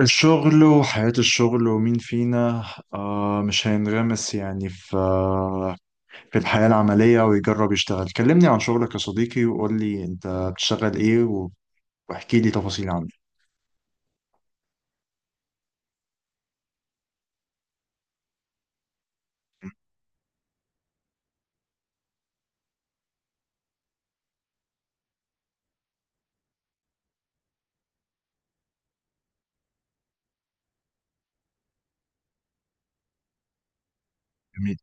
الشغل وحياة الشغل ومين فينا مش هينغمس يعني في الحياة العملية ويجرب يشتغل. كلمني عن شغلك يا صديقي وقول لي انت بتشتغل ايه واحكي لي تفاصيل عنه. جميل.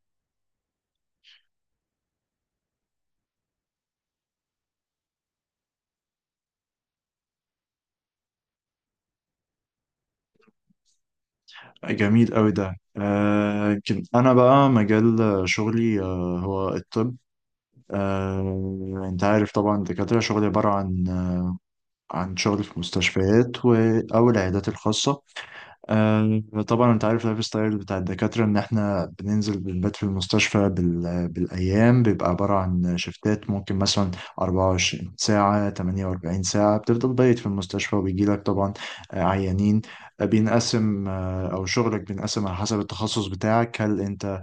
جميل قوي ده. يمكن انا بقى مجال شغلي هو الطب. انت عارف طبعا الدكاترة، شغلي عبارة عن عن شغل في مستشفيات او العيادات الخاصة. آه، طبعا انت عارف اللايف ستايل بتاع الدكاترة ان احنا بننزل بنبات في المستشفى بالايام. بيبقى عبارة عن شفتات، ممكن مثلا 24 ساعة، 48 ساعة بتفضل بايت في المستشفى، وبيجيلك طبعا عيانين. آه، بينقسم آه، او شغلك بينقسم على حسب التخصص بتاعك. هل انت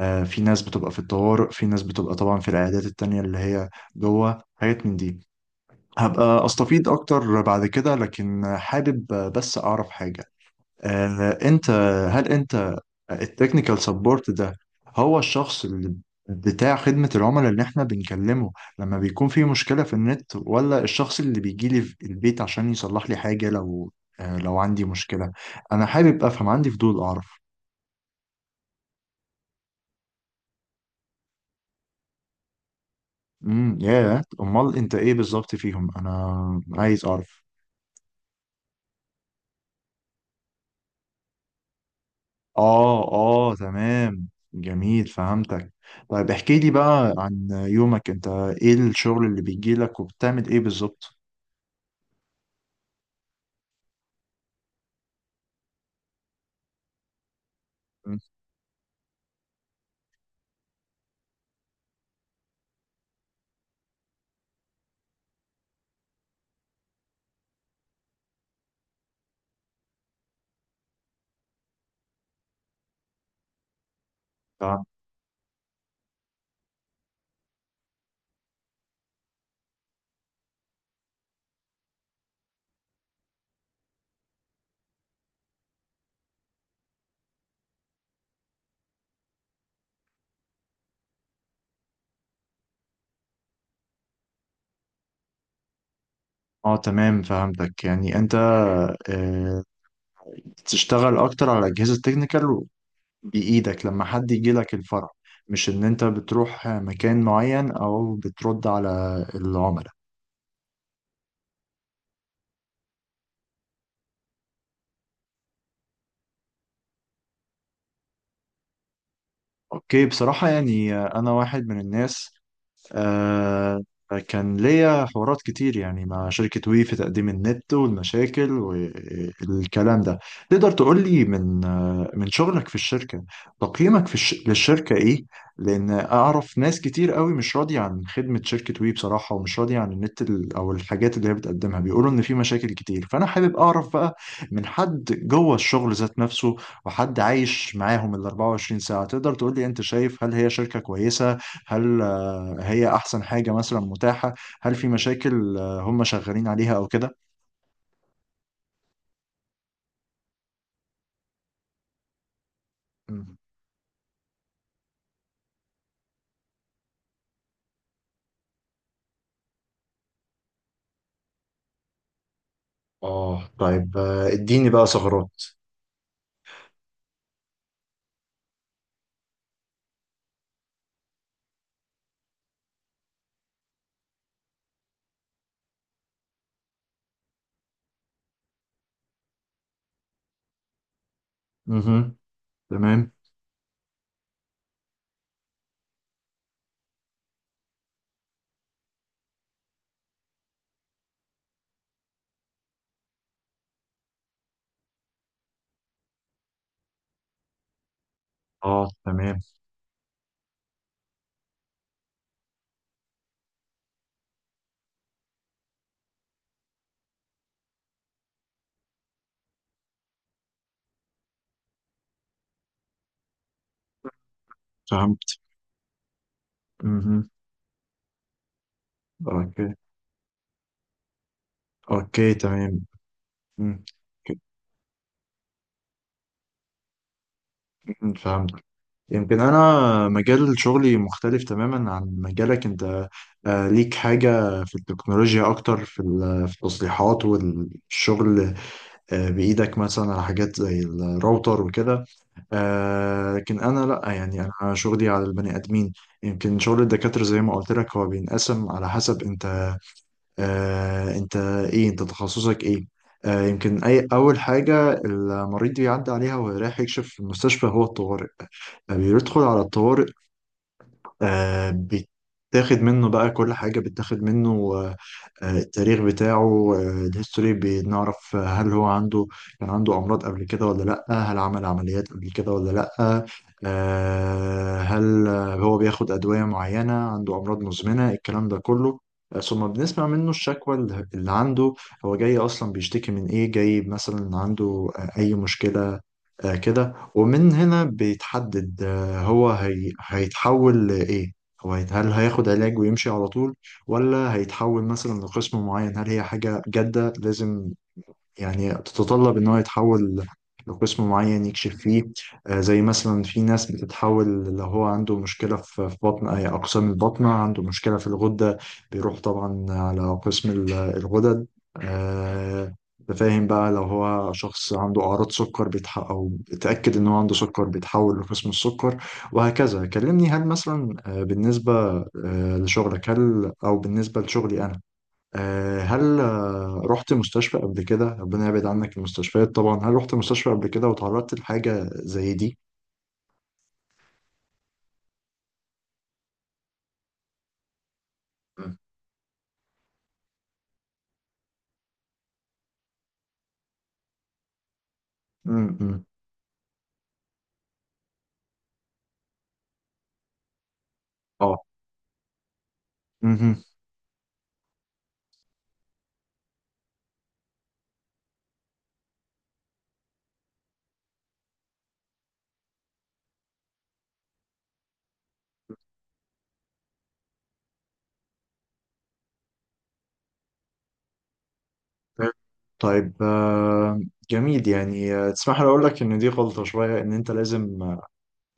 في ناس بتبقى في الطوارئ، في ناس بتبقى طبعا في العيادات التانية اللي هي جوه، حاجات من دي. هبقى استفيض اكتر بعد كده، لكن حابب بس اعرف حاجة. آه، انت هل انت التكنيكال سبورت ده هو الشخص اللي بتاع خدمة العملاء اللي احنا بنكلمه لما بيكون في مشكلة في النت، ولا الشخص اللي بيجي لي في البيت عشان يصلح لي حاجة لو لو عندي مشكلة؟ انا حابب افهم، عندي فضول اعرف. يا امال انت ايه بالظبط فيهم؟ انا عايز اعرف. اه، اه، تمام. جميل، فهمتك. طيب احكي لي بقى عن يومك انت، ايه الشغل اللي بيجي لك وبتعمل ايه بالظبط؟ فاهم. اه تمام، فهمتك. يعني انت آه، تشتغل اكتر على اجهزه تكنيكال بايدك لما حد يجي لك الفرع، مش ان انت بتروح مكان معين او بترد على العملاء. اوكي. بصراحه يعني، انا واحد من الناس آه كان ليا حوارات كتير يعني مع شركة وي في تقديم النت والمشاكل والكلام ده. تقدر تقول لي من من شغلك في الشركة تقييمك في للشركة ايه؟ لان اعرف ناس كتير قوي مش راضية عن خدمة شركة وي بصراحة، ومش راضية عن او الحاجات اللي هي بتقدمها، بيقولوا ان في مشاكل كتير. فانا حابب اعرف بقى من حد جوه الشغل ذات نفسه وحد عايش معاهم ال 24 ساعة، تقدر تقول لي انت شايف هل هي شركة كويسة؟ هل هي احسن حاجة مثلا متاحة؟ هل في مشاكل هم شغالين عليها او كده؟ مم. اه طيب، اديني بقى ثغرات. مهم. تمام. اه تمام، فهمت. مهم. اوكي. اوكي تمام. مم. مم، فهمت. يمكن انا مجال شغلي مختلف تماما عن مجالك انت. ليك حاجة في التكنولوجيا اكتر في في التصليحات والشغل بايدك مثلا على حاجات زي الراوتر وكده. لكن انا لا، يعني انا شغلي على البني ادمين. يمكن شغل الدكاتره زي ما قلت لك هو بينقسم على حسب انت آه انت ايه انت تخصصك ايه. يمكن اي اول حاجه المريض بيعدي عليها وهو رايح يكشف في المستشفى هو الطوارئ. بيدخل على الطوارئ، آه، بتاخد منه بقى كل حاجة. بتاخد منه التاريخ بتاعه، الهيستوري، بنعرف هل هو عنده، كان عنده أمراض قبل كده ولا لأ، هل عمل عمليات قبل كده ولا لأ، آه، هل آه، هو بياخد أدوية معينة، عنده أمراض مزمنة، الكلام ده كله. ثم بنسمع منه الشكوى اللي عنده، هو جاي أصلا بيشتكي من إيه؟ جاي مثلا عنده أي مشكلة كده. ومن هنا بيتحدد هو هيتحول لإيه؟ هل هياخد علاج ويمشي على طول، ولا هيتحول مثلا لقسم معين؟ هل هي حاجة جادة لازم يعني تتطلب ان هو يتحول لقسم معين يكشف فيه؟ زي مثلا في ناس بتتحول لو هو عنده مشكلة في بطن، أي أقسام البطنة، عنده مشكلة في الغدة بيروح طبعا على قسم الغدد. آه، أنت فاهم بقى. لو هو شخص عنده أعراض سكر بيتح أو اتأكد إن هو عنده سكر بيتحول لقسم السكر، وهكذا. كلمني هل مثلا بالنسبة لشغلك، هل أو بالنسبة لشغلي أنا آه، هل آه، رحت مستشفى قبل كده؟ ربنا يبعد عنك المستشفيات طبعا. هل رحت مستشفى قبل كده وتعرضت لحاجة زي دي؟ مم. مم، مم. اه. مهم. طيب، جميل. يعني تسمح لي اقول لك ان دي غلطة شوية، ان انت لازم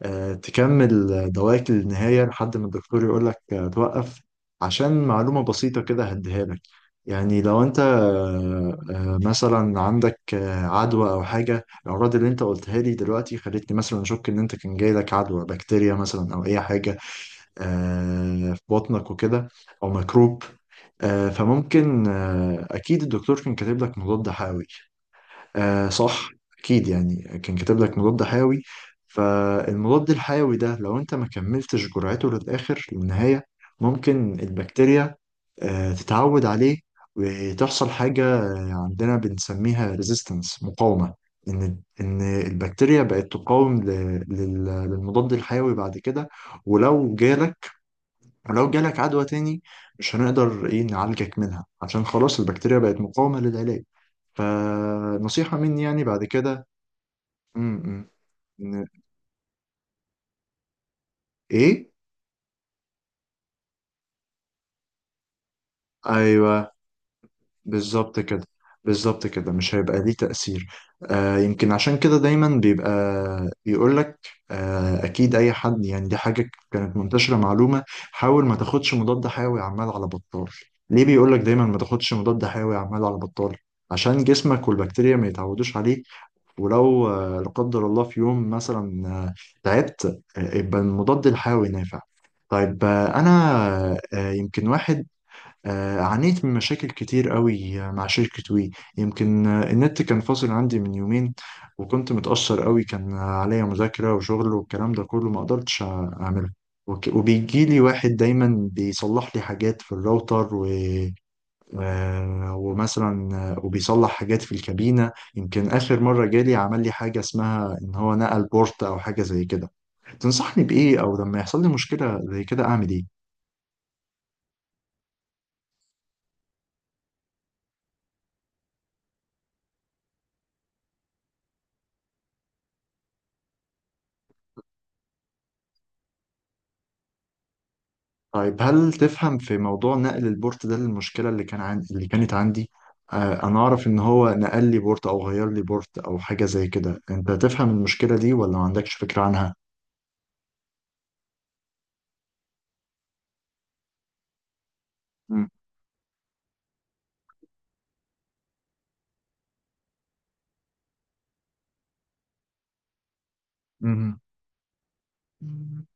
تكمل دواك للنهاية لحد ما الدكتور يقول لك توقف. عشان معلومة بسيطة كده هديها لك، يعني لو انت مثلا عندك عدوى او حاجة. الأمراض اللي انت قلتها لي دلوقتي خلتني مثلا اشك ان انت كان جاي لك عدوى بكتيريا مثلا او اي حاجة في بطنك وكده، او ميكروب. فممكن اكيد الدكتور كان كاتب لك مضاد حيوي. صح. اكيد يعني كان كاتب لك مضاد حيوي. فالمضاد الحيوي ده لو انت ما كملتش جرعته للاخر للنهايه، ممكن البكتيريا تتعود عليه، وتحصل حاجه عندنا بنسميها ريزيستنس، مقاومه. ان ان البكتيريا بقت تقاوم للمضاد الحيوي بعد كده. ولو جالك ولو جالك عدوى تاني مش هنقدر ايه نعالجك منها، عشان خلاص البكتيريا بقت مقاومه للعلاج. فنصيحه مني يعني بعد كده. امم ن- ايه. ايوه، بالظبط كده. بالظبط كده، مش هيبقى ليه تأثير. يمكن عشان كده دايما بيبقى يقول لك اكيد، اي حد يعني. دي حاجة كانت منتشرة معلومة: حاول ما تاخدش مضاد حيوي عمال على بطال. ليه بيقول لك دايما ما تاخدش مضاد حيوي عمال على بطال؟ عشان جسمك والبكتيريا ما يتعودوش عليه. ولو لا قدر الله في يوم مثلا تعبت، يبقى المضاد الحيوي نافع. طيب انا آه، يمكن واحد آه، عانيت من مشاكل كتير قوي مع شركة وي. يمكن النت كان فاصل عندي من يومين، وكنت متأثر قوي، كان عليا مذاكرة وشغل والكلام ده كله ما قدرتش أعمله. وبيجيلي واحد دايما بيصلح لي حاجات في الراوتر و... آه، ومثلا آه، وبيصلح حاجات في الكابينة. يمكن آخر مرة جالي عمل لي حاجة اسمها إن هو نقل بورت أو حاجة زي كده. تنصحني بإيه أو لما يحصل لي مشكلة زي كده أعمل إيه؟ طيب هل تفهم في موضوع نقل البورت ده؟ المشكلة اللي كانت عندي أنا أعرف إن هو نقل لي بورت أو غير لي بورت أو حاجة زي كده، أنت تفهم المشكلة دي ولا ما عندكش فكرة عنها؟ مم. مم. مم.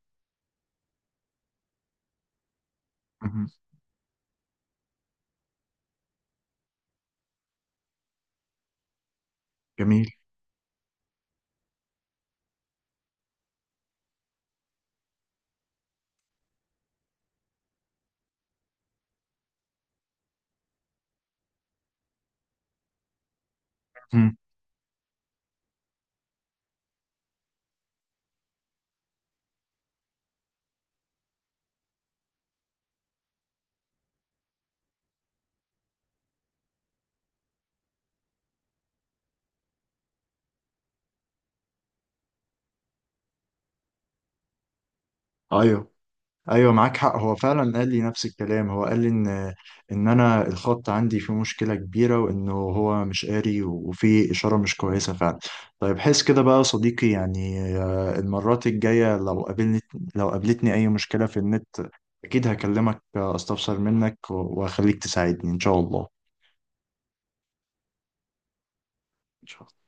جميل. مم. أيوه. ايوه، معاك حق، هو فعلا قال لي نفس الكلام. هو قال لي ان انا الخط عندي فيه مشكله كبيره وانه هو مش قاري وفي اشاره مش كويسه فعلا. طيب حس كده بقى يا صديقي. يعني المرات الجايه لو لو قابلتني اي مشكله في النت، اكيد هكلمك استفسر منك واخليك تساعدني ان شاء الله. إن شاء الله.